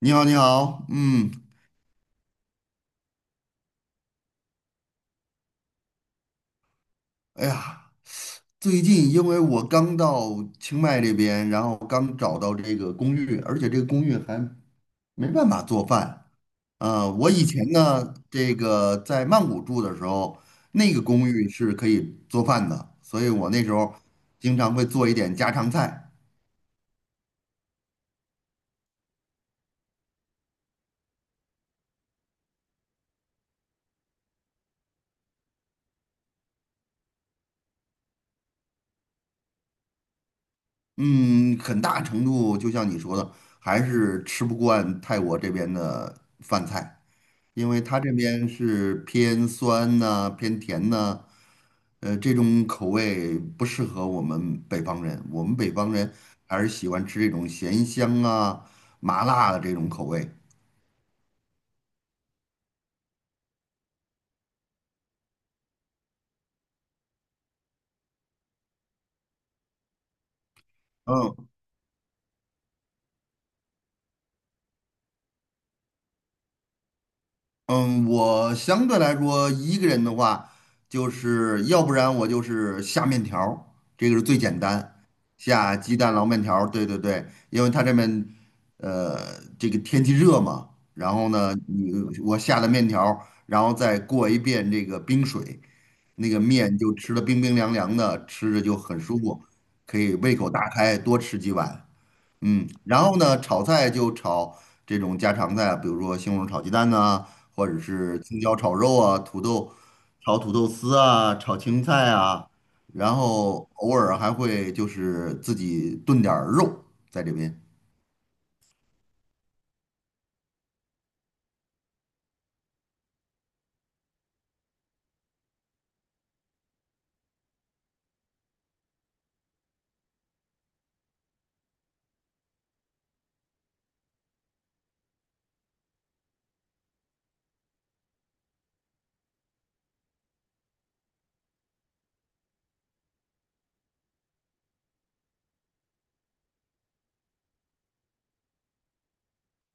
你好，你好，嗯，哎呀，最近因为我刚到清迈这边，然后刚找到这个公寓，而且这个公寓还没办法做饭。啊、我以前呢，这个在曼谷住的时候，那个公寓是可以做饭的，所以我那时候经常会做一点家常菜。嗯，很大程度就像你说的，还是吃不惯泰国这边的饭菜，因为它这边是偏酸呐、偏甜呐、这种口味不适合我们北方人。我们北方人还是喜欢吃这种咸香啊、麻辣的这种口味。嗯，嗯，我相对来说一个人的话，就是要不然我就是下面条儿这个是最简单，下鸡蛋捞面条儿对对对，因为他这边这个天气热嘛，然后呢，我下了面条儿然后再过一遍这个冰水，那个面就吃的冰冰凉凉的，吃着就很舒服，可以胃口大开，多吃几碗。嗯，然后呢，炒菜就炒这种家常菜，比如说西红柿炒鸡蛋呐、或者是青椒炒肉啊，土豆炒土豆丝啊，炒青菜啊，然后偶尔还会就是自己炖点儿肉在这边。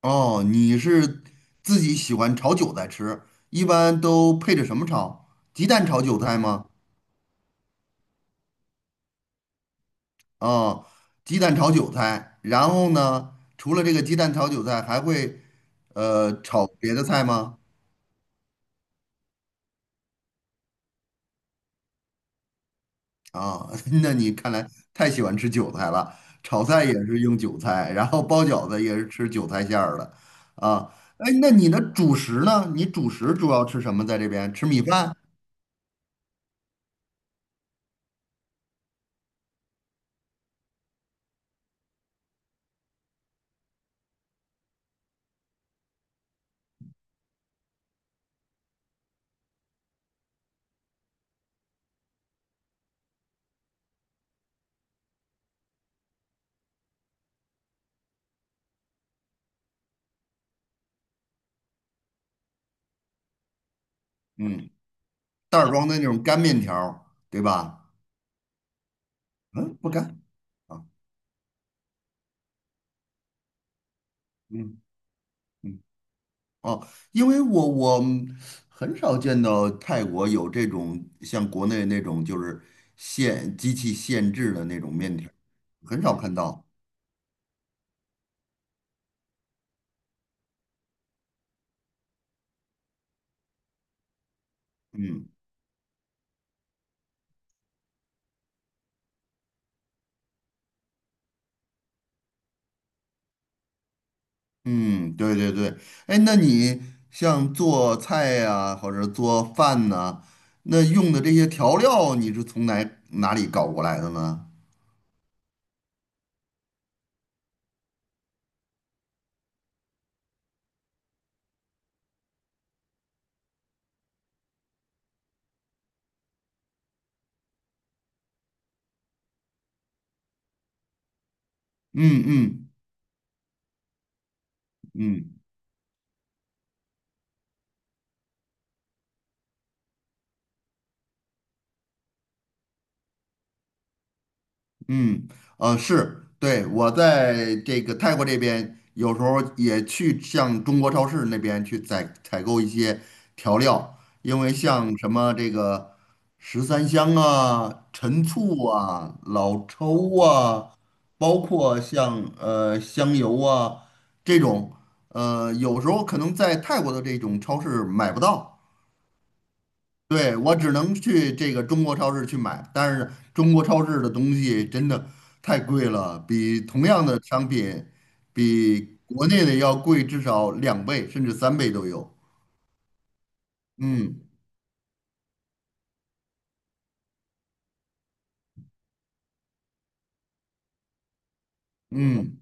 哦，你是自己喜欢炒韭菜吃，一般都配着什么炒？鸡蛋炒韭菜吗？哦，鸡蛋炒韭菜，然后呢，除了这个鸡蛋炒韭菜，还会炒别的菜吗？啊，那你看来太喜欢吃韭菜了，炒菜也是用韭菜，然后包饺子也是吃韭菜馅儿的，啊，哎，那你的主食呢？你主食主要吃什么？在这边吃米饭，嗯，袋儿装的那种干面条儿对吧？嗯，不干啊，嗯嗯，哦，因为我很少见到泰国有这种像国内那种就是现机器现制的那种面条儿很少看到，嗯。嗯，对对对，哎，那你像做菜呀、或者做饭呐、那用的这些调料，你是从哪里搞过来的呢？嗯嗯嗯嗯，是，对，我在这个泰国这边，有时候也去像中国超市那边去采购一些调料，因为像什么这个十三香啊、陈醋啊、老抽啊，包括像香油啊这种，有时候可能在泰国的这种超市买不到。对，我只能去这个中国超市去买，但是中国超市的东西真的太贵了，比同样的商品，比国内的要贵至少2倍甚至3倍都有。嗯嗯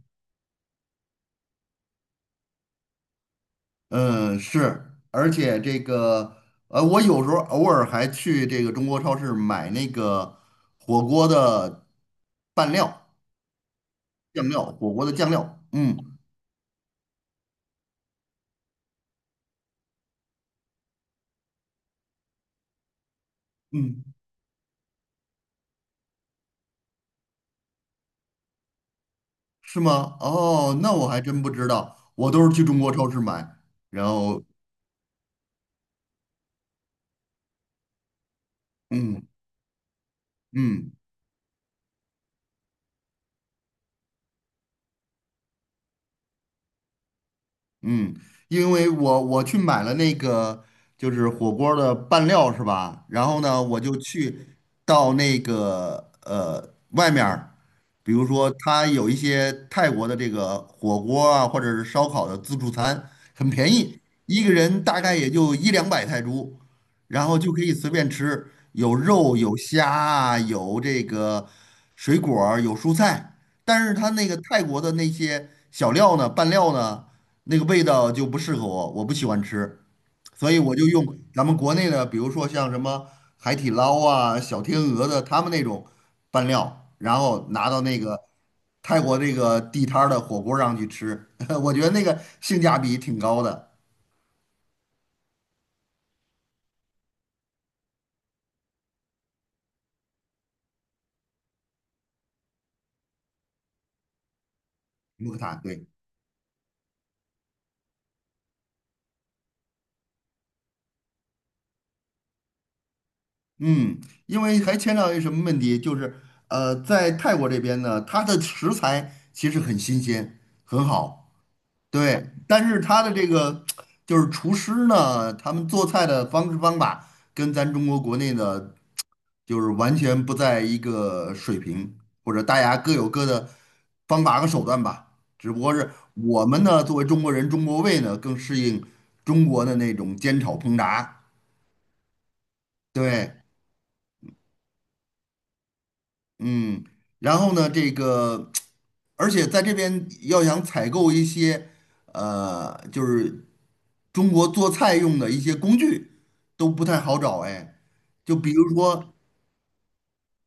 嗯，是，而且这个我有时候偶尔还去这个中国超市买那个火锅的拌料、酱料，火锅的酱料。嗯嗯。是吗？哦，那我还真不知道，我都是去中国超市买，然后嗯嗯，嗯，因为我去买了那个就是火锅儿的拌料是吧？然后呢，我就去到那个外面儿比如说它有一些泰国的这个火锅啊，或者是烧烤的自助餐，很便宜，一个人大概也就一两百泰铢，然后就可以随便吃，有肉有虾啊，有这个水果儿有蔬菜，但是它那个泰国的那些小料呢，拌料呢。那个味道就不适合我，我不喜欢吃，所以我就用咱们国内的，比如说像什么海底捞啊、小天鹅的他们那种拌料，然后拿到那个泰国这个地摊儿的火锅上去吃，我觉得那个性价比挺高的。穆克塔，对，嗯，因为还牵扯到一什么问题，就是在泰国这边呢，它的食材其实很新鲜，很好。对，但是他的这个就是厨师呢，他们做菜的方式方法跟咱中国国内的，就是完全不在一个水平，或者大家各有各的方法和手段吧。只不过是我们呢，作为中国人，中国胃呢更适应中国的那种煎炒烹炸。对。嗯，然后呢，这个，而且在这边要想采购一些，就是中国做菜用的一些工具都不太好找哎，就比如说，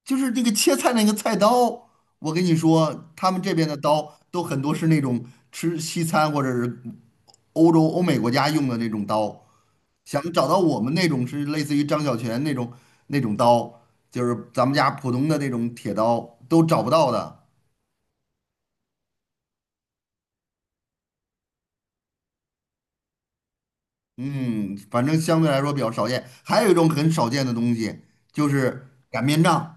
就是那个切菜那个菜刀，我跟你说，他们这边的刀都很多是那种吃西餐或者是欧洲、欧美国家用的那种刀，想找到我们那种是类似于张小泉那种那种刀，就是咱们家普通的那种铁刀都找不到的。嗯，反正相对来说比较少见。还有一种很少见的东西，就是擀面杖。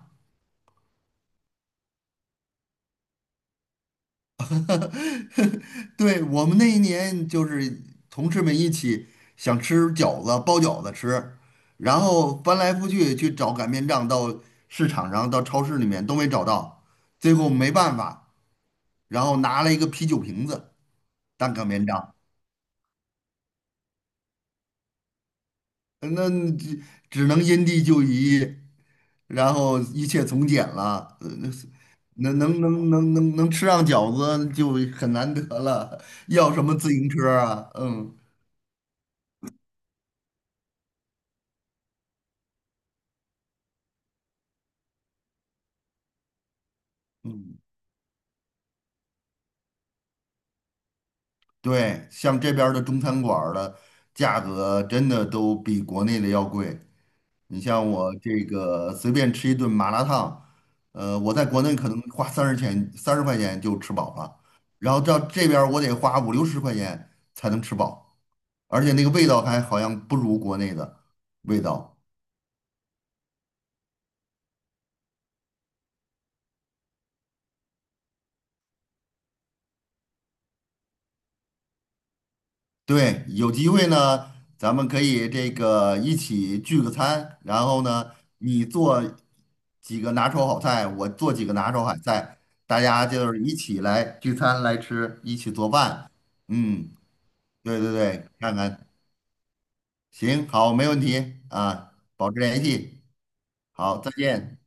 对，我们那一年就是同事们一起想吃饺子，包饺子吃，然后翻来覆去去找擀面杖，到市场上、到超市里面都没找到，最后没办法，然后拿了一个啤酒瓶子当擀面杖。那只只能因地制宜，然后一切从简了。那是能吃上饺子就很难得了，要什么自行车啊？嗯嗯，对，像这边儿的中餐馆儿的价格真的都比国内的要贵。你像我这个随便吃一顿麻辣烫，我在国内可能花30块钱就吃饱了，然后到这边儿我得花五六十块钱才能吃饱。而且那个味道还好像不如国内的味道。对，有机会呢，咱们可以这个一起聚个餐，然后呢，你做几个拿手好菜，我做几个拿手好菜，大家就是一起来聚餐来吃，一起做饭。嗯，对对对，看看，行，好，没问题啊，保持联系，好，再见。